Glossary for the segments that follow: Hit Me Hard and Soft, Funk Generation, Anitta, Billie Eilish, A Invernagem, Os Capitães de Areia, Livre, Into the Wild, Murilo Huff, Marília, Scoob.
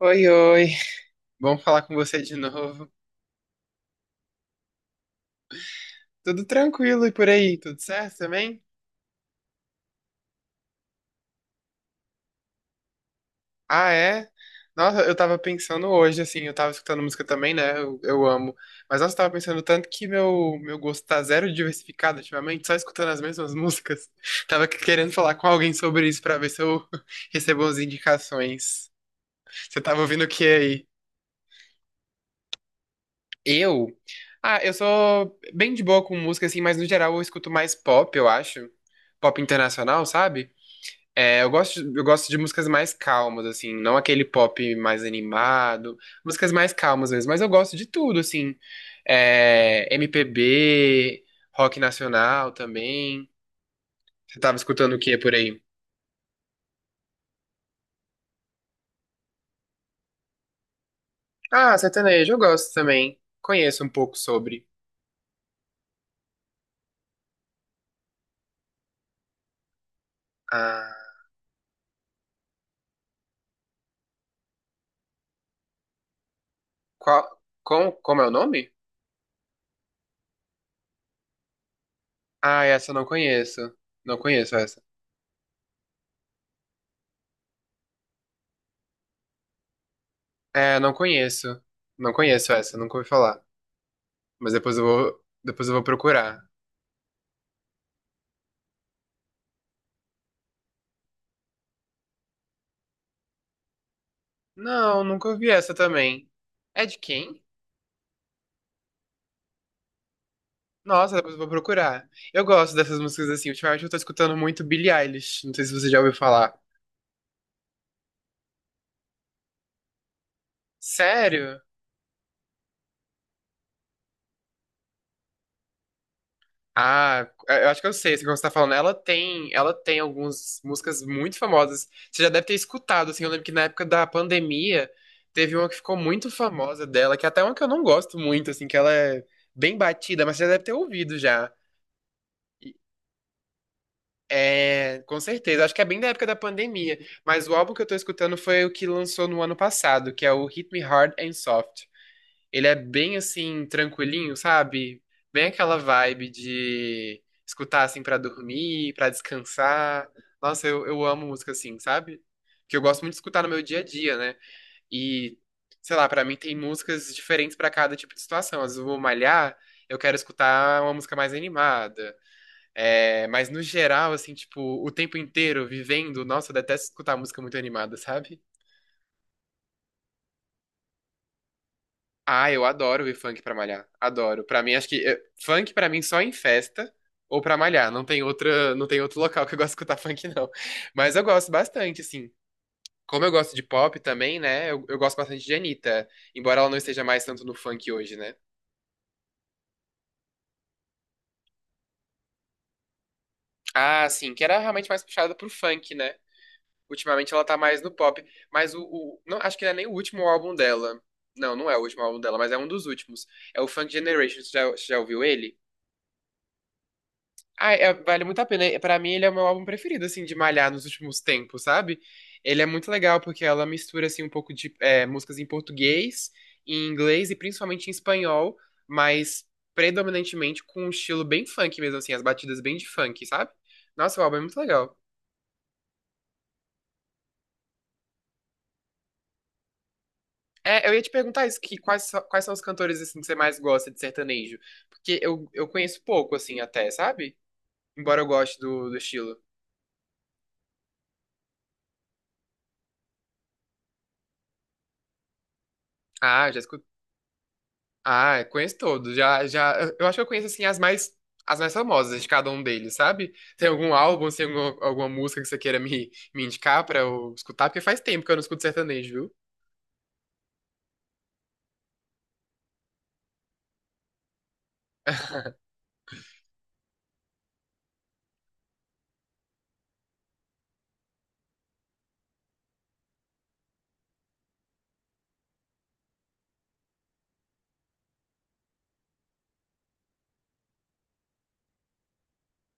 Oi, oi. Bom falar com você de novo. Tudo tranquilo e por aí? Tudo certo também? Ah, é? Nossa, eu tava pensando hoje, assim, eu tava escutando música também, né? Eu amo. Mas nossa, eu tava pensando tanto que meu gosto tá zero diversificado ultimamente, só escutando as mesmas músicas. Tava querendo falar com alguém sobre isso pra ver se eu recebo as indicações. Você tava ouvindo o que aí? Eu? Ah, eu sou bem de boa com música, assim, mas no geral eu escuto mais pop, eu acho. Pop internacional, sabe? É, eu gosto de músicas mais calmas, assim, não aquele pop mais animado, músicas mais calmas mesmo, mas eu gosto de tudo, assim, é, MPB, rock nacional também. Você tava escutando o que por aí? Ah, sertanejo, eu gosto também. Conheço um pouco sobre. Ah, qual, com, como é o nome? Ah, essa eu não conheço. Não conheço essa. É, não conheço. Não conheço essa, nunca ouvi falar. Mas depois eu vou procurar. Não, nunca ouvi essa também. É de quem? Nossa, depois eu vou procurar. Eu gosto dessas músicas assim. Ultimamente eu tô escutando muito Billie Eilish. Não sei se você já ouviu falar. Sério? Ah, é, eu acho que eu sei, assim, como você tá falando. Ela tem algumas músicas muito famosas. Você já deve ter escutado, assim. Eu lembro que na época da pandemia teve uma que ficou muito famosa dela, que é até uma que eu não gosto muito, assim, que ela é bem batida, mas você já deve ter ouvido já. É, com certeza. Acho que é bem da época da pandemia. Mas o álbum que eu tô escutando foi o que lançou no ano passado, que é o Hit Me Hard and Soft. Ele é bem assim, tranquilinho, sabe? Bem aquela vibe de escutar assim pra dormir, pra descansar. Nossa, eu amo música assim, sabe? Que eu gosto muito de escutar no meu dia a dia, né? E, sei lá, pra mim tem músicas diferentes pra cada tipo de situação. Às vezes eu vou malhar, eu quero escutar uma música mais animada. É, mas no geral, assim, tipo, o tempo inteiro vivendo, nossa, eu detesto escutar música muito animada, sabe? Ah, eu adoro ouvir funk pra malhar. Adoro. Pra mim, acho que funk pra mim só em festa ou pra malhar. Não tem outra, não tem outro local que eu gosto de escutar funk, não. Mas eu gosto bastante, assim. Como eu gosto de pop também, né? Eu gosto bastante de Anitta, embora ela não esteja mais tanto no funk hoje, né? Ah, sim, que era realmente mais puxada pro funk, né? Ultimamente ela tá mais no pop, mas não, acho que não é nem o último álbum dela. Não, não é o último álbum dela, mas é um dos últimos. É o Funk Generation, você já ouviu ele? Ah, é- vale muito a pena. É, pra mim ele é o meu álbum preferido, assim, de malhar nos últimos tempos, sabe? Ele é muito legal porque ela mistura, assim, um pouco de é, músicas em português, em inglês e principalmente em espanhol, mas predominantemente com um estilo bem funk mesmo, assim, as batidas bem de funk, sabe? Nossa, o álbum é muito legal. É, eu ia te perguntar isso, que quais, so- quais são os cantores assim que você mais gosta de sertanejo? Porque eu conheço pouco assim até, sabe? Embora eu goste do, do estilo. Ah, já escutei. Ah, eu conheço todos. Já, já, eu acho que eu conheço assim as mais famosas de cada um deles, sabe? Tem algum álbum, tem alguma, alguma música que você queira me, me indicar pra eu escutar? Porque faz tempo que eu não escuto sertanejo.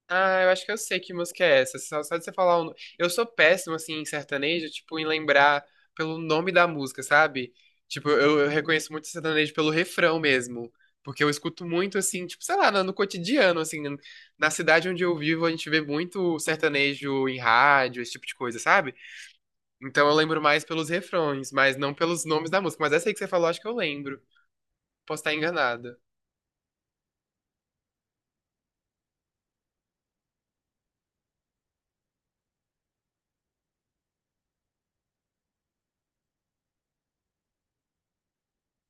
Ah, eu acho que eu sei que música é essa. Só, só de você falar o... no- Eu sou péssimo, assim, em sertanejo, tipo, em lembrar pelo nome da música, sabe? Tipo, eu reconheço muito sertanejo pelo refrão mesmo. Porque eu escuto muito, assim, tipo, sei lá, no, no cotidiano, assim. Na cidade onde eu vivo, a gente vê muito sertanejo em rádio, esse tipo de coisa, sabe? Então eu lembro mais pelos refrões, mas não pelos nomes da música. Mas essa aí que você falou, acho que eu lembro. Posso estar enganada.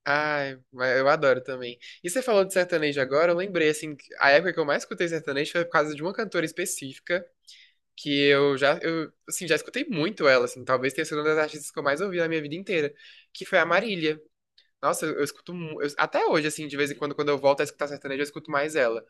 Ai, mas eu adoro também. E você falou de sertanejo agora, eu lembrei, assim, que a época que eu mais escutei sertanejo foi por causa de uma cantora específica, que eu já, eu, assim, já escutei muito ela, assim, talvez tenha sido uma das artistas que eu mais ouvi na minha vida inteira, que foi a Marília. Nossa, eu escuto, mu- eu- até hoje, assim, de vez em quando, quando eu volto a escutar sertanejo, eu escuto mais ela.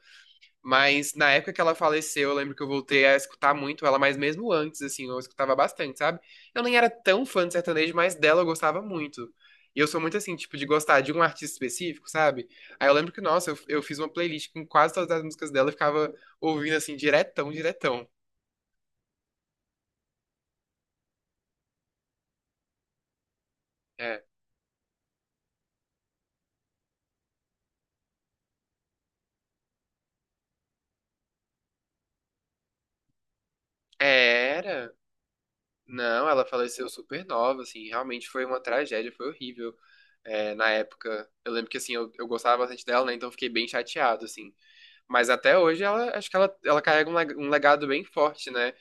Mas na época que ela faleceu, eu lembro que eu voltei a escutar muito ela, mas mesmo antes, assim, eu escutava bastante, sabe? Eu nem era tão fã de sertanejo, mas dela eu gostava muito. E eu sou muito assim, tipo, de gostar de um artista específico, sabe? Aí eu lembro que, nossa, eu fiz uma playlist com quase todas as músicas dela, eu ficava ouvindo assim, diretão, diretão. É. Era. Não, ela faleceu super nova, assim, realmente foi uma tragédia, foi horrível. É, na época, eu lembro que, assim, eu gostava bastante dela, né? Então eu fiquei bem chateado, assim. Mas até hoje ela acho que ela carrega um leg- um legado bem forte, né?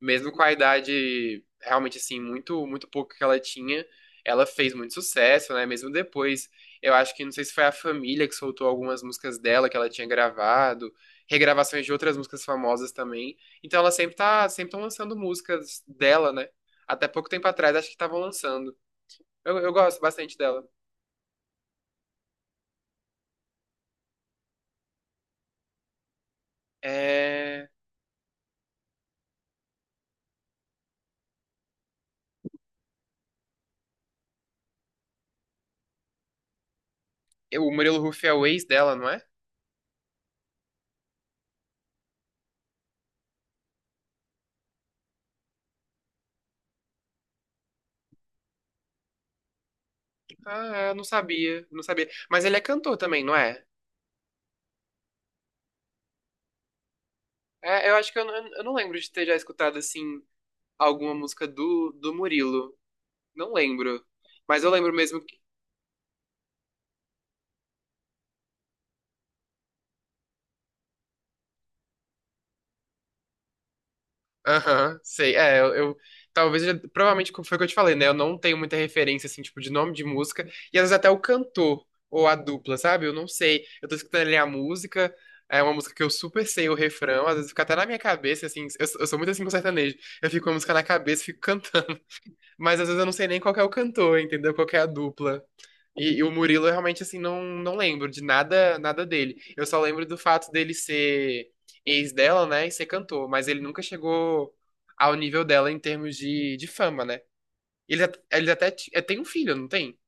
Mesmo com a idade realmente assim muito pouco que ela tinha, ela fez muito sucesso, né? Mesmo depois, eu acho que não sei se foi a família que soltou algumas músicas dela que ela tinha gravado, regravações de outras músicas famosas também. Então ela sempre tá sempre tão lançando músicas dela, né? Até pouco tempo atrás acho que estavam lançando. Eu gosto bastante dela. É... eu- O Murilo Huff é o ex dela, não é? Ah, eu não sabia, não sabia. Mas ele é cantor também, não é? É, eu acho que eu não lembro de ter já escutado, assim, alguma música do, do Murilo. Não lembro. Mas eu lembro mesmo que. Aham, sei. É, eu- talvez eu já- provavelmente como foi o que eu te falei, né? Eu não tenho muita referência, assim, tipo, de nome de música. E às vezes até o cantor ou a dupla, sabe? Eu não sei. Eu tô escutando ali a música. É uma música que eu super sei o refrão, às vezes fica até na minha cabeça, assim. Eu sou muito assim com sertanejo. Eu fico com a música na cabeça e fico cantando. Mas às vezes eu não sei nem qual que é o cantor, entendeu? Qual que é a dupla. E o Murilo, eu realmente, assim, não, não lembro de nada, nada dele. Eu só lembro do fato dele ser ex dela, né? E ser cantor. Mas ele nunca chegou ao nível dela em termos de fama, né? Ele, at- ele até ti- é, tem um filho, não tem?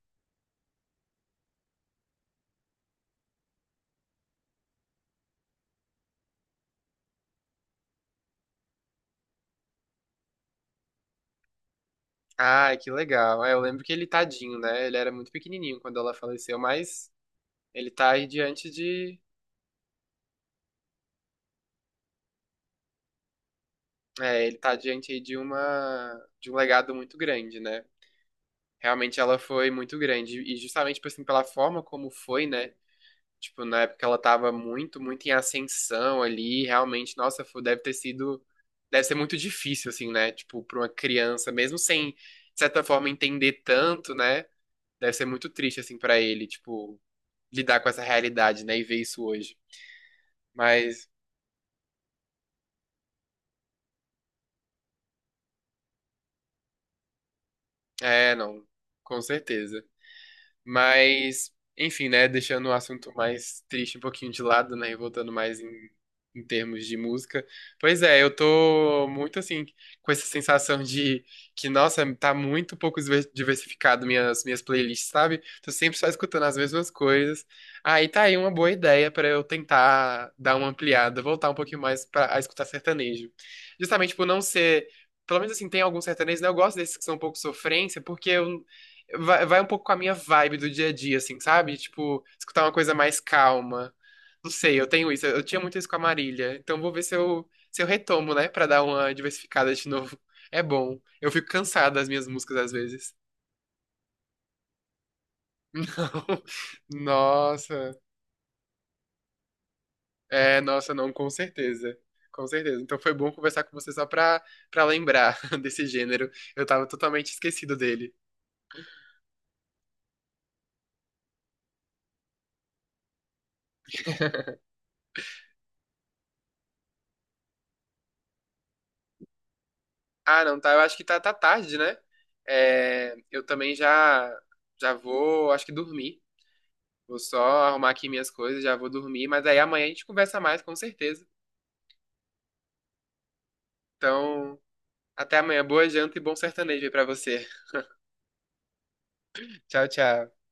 Ai, que legal. É, eu lembro que ele tadinho, né? Ele era muito pequenininho quando ela faleceu, mas ele tá aí diante de... É, ele tá diante aí de uma... de um legado muito grande, né? Realmente ela foi muito grande. E justamente, tipo assim, pela forma como foi, né? Tipo, na época ela tava muito, muito em ascensão ali. Realmente, nossa, foi- deve ter sido. Deve ser muito difícil, assim, né? Tipo, pra uma criança, mesmo sem, de certa forma, entender tanto, né? Deve ser muito triste, assim, pra ele, tipo, lidar com essa realidade, né? E ver isso hoje. Mas, é, não, com certeza. Mas, enfim, né? Deixando o assunto mais triste um pouquinho de lado, né? E voltando mais em, em termos de música. Pois é, eu tô muito assim, com essa sensação de que, nossa, tá muito pouco diver- diversificado minhas, minhas playlists, sabe? Tô sempre só escutando as mesmas coisas. Aí tá aí uma boa ideia pra eu tentar dar uma ampliada, voltar um pouquinho mais pra, a escutar sertanejo. Justamente por não ser. Pelo menos assim, tem alguns sertanejos, né? Eu gosto desses que são um pouco sofrência, porque eu vai, vai um pouco com a minha vibe do dia a dia, assim, sabe? Tipo, escutar uma coisa mais calma. Não sei, eu tenho isso. Eu tinha muito isso com a Marília. Então vou ver se eu, se eu retomo, né? Pra dar uma diversificada de novo. É bom. Eu fico cansado das minhas músicas às vezes. Não. Nossa. É, nossa, não, com certeza. Com certeza. Então foi bom conversar com você só pra, pra lembrar desse gênero. Eu tava totalmente esquecido dele. Ah, não, tá. Eu acho que tá, tá tarde, né? É, eu também já já vou, acho que dormir. Vou só arrumar aqui minhas coisas, já vou dormir. Mas aí amanhã a gente conversa mais, com certeza. Então, até amanhã. Boa janta e bom sertanejo aí pra você. Tchau, tchau.